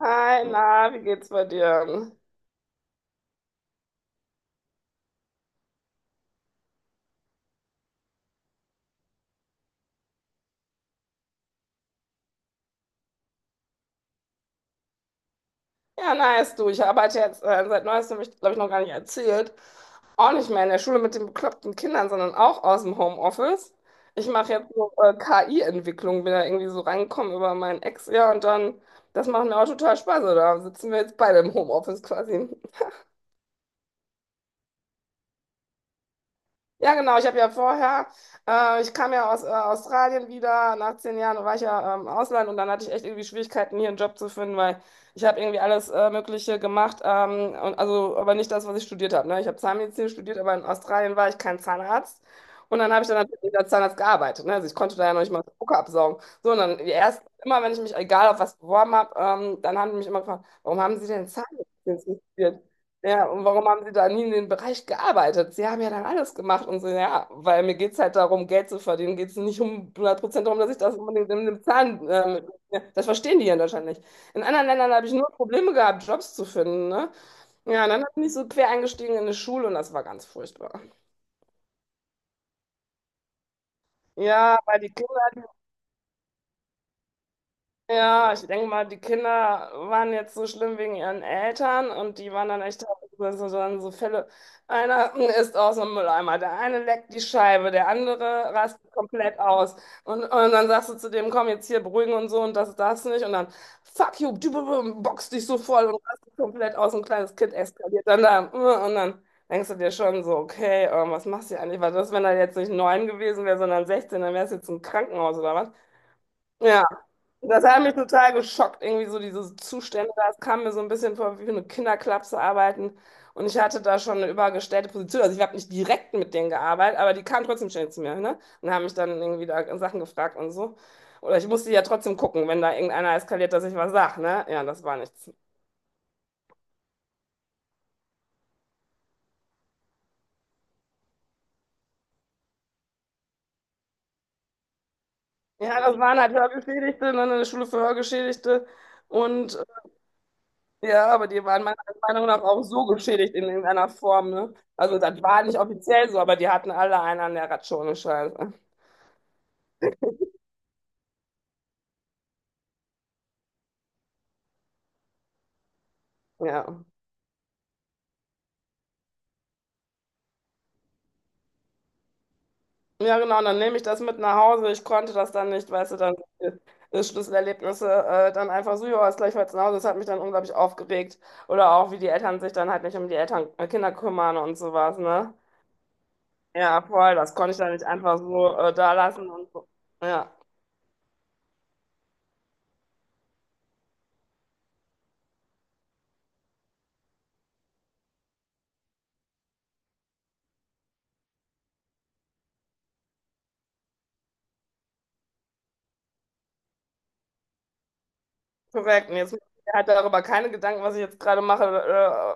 Hi, na, wie geht's bei dir? Ja, nice, du. Ich arbeite jetzt seit neuestem, habe ich glaube ich noch gar nicht erzählt. Auch nicht mehr in der Schule mit den bekloppten Kindern, sondern auch aus dem Homeoffice. Ich mache jetzt so KI-Entwicklung, bin da irgendwie so reingekommen über meinen Ex, ja, und dann, das macht mir auch total Spaß, oder? Sitzen wir jetzt beide im Homeoffice quasi. Ja, genau. Ich habe ja vorher, ich kam ja aus Australien wieder. Nach 10 Jahren war ich ja im Ausland und dann hatte ich echt irgendwie Schwierigkeiten, hier einen Job zu finden, weil ich habe irgendwie alles Mögliche gemacht. Also, aber nicht das, was ich studiert habe. Ne? Ich habe Zahnmedizin studiert, aber in Australien war ich kein Zahnarzt. Und dann habe ich dann natürlich als Zahnarzt gearbeitet. Ne? Also ich konnte da ja noch nicht mal Spucke absaugen. So, und dann erst immer, wenn ich mich egal auf was beworben habe, dann haben die mich immer gefragt, warum haben Sie denn Zahnmedizin studiert? Ja, und warum haben Sie da nie in den Bereich gearbeitet? Sie haben ja dann alles gemacht und so, ja, weil mir geht es halt darum, Geld zu verdienen. Geht es nicht um 100% darum, dass ich das unbedingt in einem Zahn. Ja, das verstehen die hier in Deutschland nicht. In anderen Ländern habe ich nur Probleme gehabt, Jobs zu finden, ne? Ja, und dann bin ich so quer eingestiegen in eine Schule und das war ganz furchtbar. Ja, weil die Ja, ich denke mal, die Kinder waren jetzt so schlimm wegen ihren Eltern und die waren dann echt teilweise so, dann so Fälle. Einer ist aus dem Mülleimer, der eine leckt die Scheibe, der andere rastet komplett aus. Und dann sagst du zu dem, komm jetzt hier beruhigen und so und das, das nicht. Und dann, fuck you, boxt dich so voll und rastet komplett aus. Ein kleines Kind eskaliert dann da. Und dann denkst du dir schon so, okay, was machst du hier eigentlich? Was ist, wenn er jetzt nicht neun gewesen wäre, sondern 16, dann wärst du jetzt im Krankenhaus oder was? Ja. Das hat mich total geschockt, irgendwie so diese Zustände. Das kam mir so ein bisschen vor, wie für eine Kinderklapse arbeiten. Und ich hatte da schon eine übergestellte Position. Also ich habe nicht direkt mit denen gearbeitet, aber die kamen trotzdem ständig zu mir, ne? Und haben mich dann irgendwie da Sachen gefragt und so. Oder ich musste ja trotzdem gucken, wenn da irgendeiner eskaliert, dass ich was sage, ne? Ja, das war nichts. Ja, das waren halt Hörgeschädigte, ne? Eine Schule für Hörgeschädigte. Und Ja, aber die waren meiner Meinung nach auch so geschädigt in irgendeiner Form, ne? Also das war nicht offiziell so, aber die hatten alle einen an der Ratschone, Scheiße. Ja. Ja, genau, und dann nehme ich das mit nach Hause. Ich konnte das dann nicht, weißt du, dann Schlüsselerlebnisse dann einfach so, ja, ist gleich heute nach Hause. Das hat mich dann unglaublich aufgeregt. Oder auch, wie die Eltern sich dann halt nicht um die Kinder kümmern und sowas, ne? Ja, voll, das konnte ich dann nicht einfach so da lassen und so. Ja. Korrekt. Und jetzt mache ich mir halt darüber keine Gedanken, was ich jetzt gerade mache,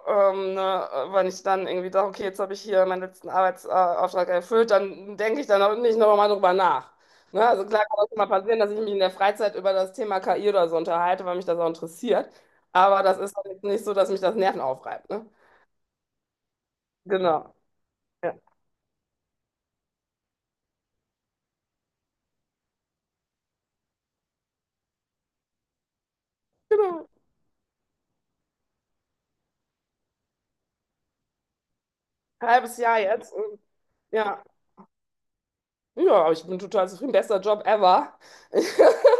ne, wenn ich dann irgendwie sage, okay, jetzt habe ich hier meinen letzten Arbeitsauftrag erfüllt, dann denke ich dann auch nicht nochmal drüber nach. Ne? Also klar kann es mal passieren, dass ich mich in der Freizeit über das Thema KI oder so unterhalte, weil mich das auch interessiert. Aber das ist dann jetzt nicht so, dass mich das Nerven aufreibt. Ne? Genau. Ja. Genau. Halbes Jahr jetzt. Und Ja. Ja, aber ich bin total zufrieden. Bester Job ever.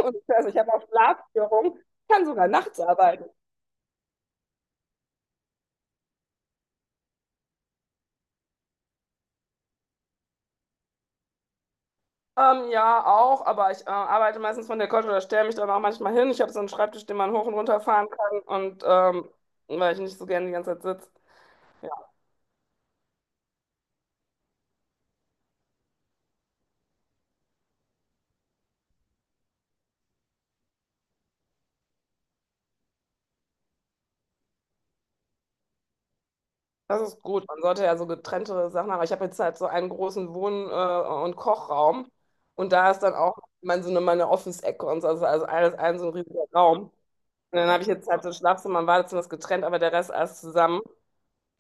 Und also ich habe auch Schlafstörungen. Ich kann sogar nachts arbeiten. Ja, auch, aber ich arbeite meistens von der Couch oder stelle mich dann auch manchmal hin. Ich habe so einen Schreibtisch, den man hoch und runter fahren kann und weil ich nicht so gerne die ganze Zeit sitze. Ja, das ist gut. Man sollte ja so getrennte Sachen haben. Ich habe jetzt halt so einen großen Wohn- und Kochraum und da ist dann auch meine Office-Ecke und so, also alles ein so ein riesiger Raum. Und dann habe ich jetzt halt so ein Schlafzimmer und Badezimmer ist getrennt, aber der Rest alles zusammen.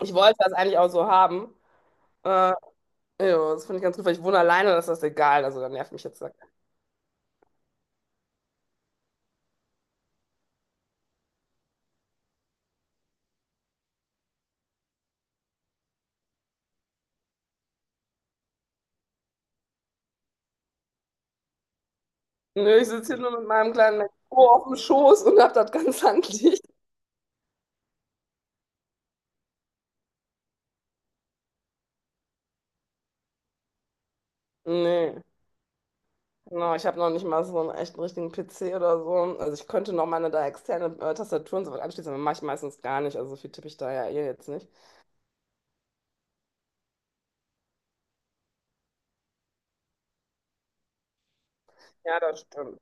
Ich wollte das eigentlich auch so haben. Äh, ja, das finde ich ganz gut, weil ich wohne alleine, das ist das egal. Also da nervt mich jetzt. Nö, ich sitze hier nur mit meinem kleinen MacBook auf dem Schoß und hab das ganz handlich. Nee, genau, ich habe noch nicht mal so einen echten richtigen PC oder so. Also ich könnte noch meine da externe Tastatur und so was anschließen, aber mache ich meistens gar nicht. Also so viel tippe ich da ja eh jetzt nicht. Ja, das stimmt.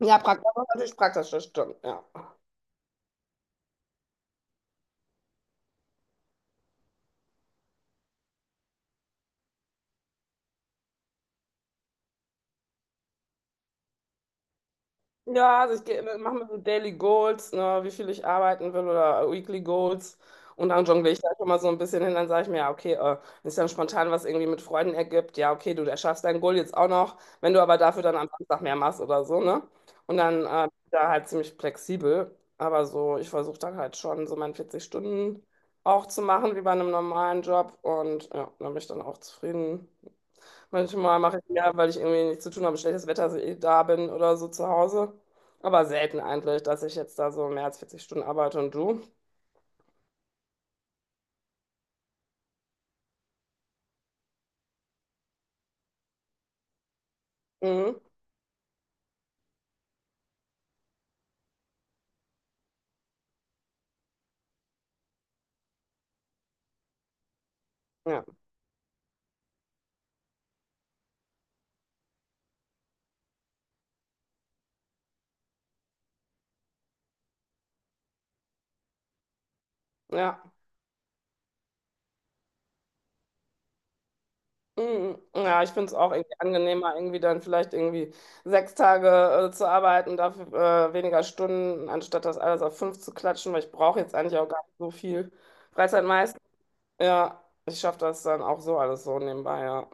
Ja, praktisch, das ist natürlich praktisch, das stimmt, ja. Ja, also ich mache mir so Daily Goals, ne, wie viel ich arbeiten will oder Weekly Goals. Und dann jongliere ich da schon mal so ein bisschen hin. Dann sage ich mir, ja, okay, wenn es dann spontan was irgendwie mit Freunden ergibt, ja, okay, du erschaffst dein Goal jetzt auch noch, wenn du aber dafür dann am Samstag mehr machst oder so, ne? Und dann bin ich da halt ziemlich flexibel. Aber so, ich versuche dann halt schon so meine 40 Stunden auch zu machen, wie bei einem normalen Job. Und ja, dann bin ich dann auch zufrieden. Manchmal mache ich mir, weil ich irgendwie nichts zu tun habe, schlechtes Wetter, dass ich eh da bin oder so zu Hause. Aber selten eigentlich, dass ich jetzt da so mehr als 40 Stunden arbeite und du. Mhm. Ja, ja. Mhm. Ja, ich finde es auch irgendwie angenehmer, irgendwie dann vielleicht irgendwie 6 Tage zu arbeiten, dafür weniger Stunden, anstatt das alles auf fünf zu klatschen, weil ich brauche jetzt eigentlich auch gar nicht so viel Freizeit meist. Ja, ich schaffe das dann auch so alles so nebenbei, ja.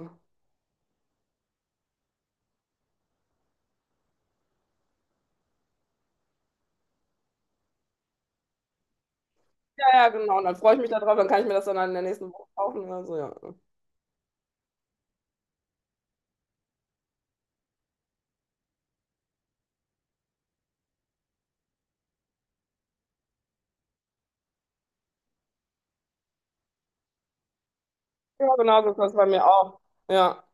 Ja, ja, genau. Und dann freue ich mich darauf, dann kann ich mir das dann halt in der nächsten Woche kaufen oder so, ja. Ja, genau so ist das bei mir auch. Ja.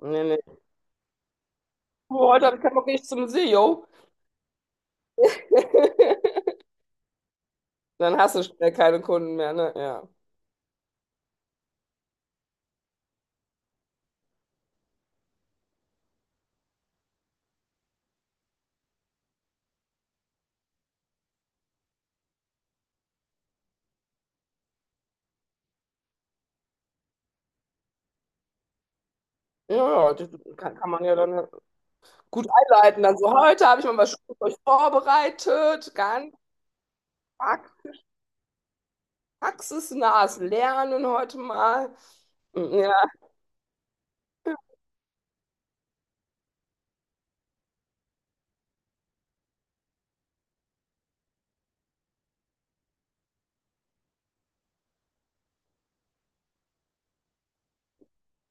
Nee, nee. Du, heute habe ich keinen Bock, nicht zum See, yo. Dann hast du schnell keine Kunden mehr, ne? Ja. Ja, ja, das kann man ja dann gut einleiten. Dann so, heute habe ich mal was Schönes für euch vorbereitet. Ganz prax- praxisnahes Lernen heute mal. Hm, ja,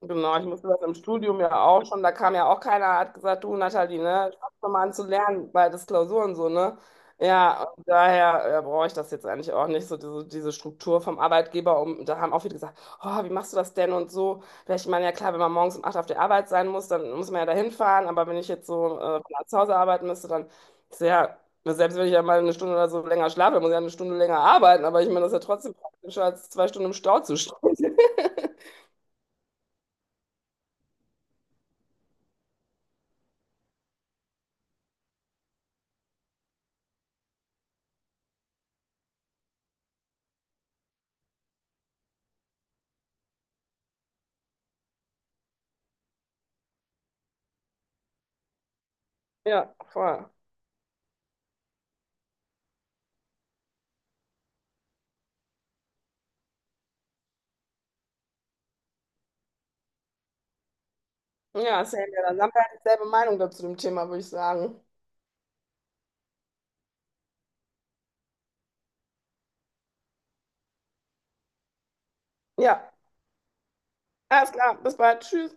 genau, ich musste das im Studium ja auch schon, da kam ja auch keiner, hat gesagt, du Nathalie, ne, fang doch mal an zu lernen bei das Klausuren so, ne? Ja, und daher ja, brauche ich das jetzt eigentlich auch nicht, so diese Struktur vom Arbeitgeber. Um, da haben auch viele gesagt, oh, wie machst du das denn und so. Ja, ich meine, ja klar, wenn man morgens um 8 auf der Arbeit sein muss, dann muss man ja dahin fahren, aber wenn ich jetzt so von zu Hause arbeiten müsste, dann ist ja, selbst wenn ich ja mal 1 Stunde oder so länger schlafe, dann muss ich ja 1 Stunde länger arbeiten, aber ich meine, das ist ja trotzdem praktischer, als 2 Stunden im Stau zu stehen. Ja, voll. Ja, same. Ja. Dann haben wir halt dieselbe Meinung dazu dem Thema, würde ich sagen. Ja, alles klar. Bis bald. Tschüss.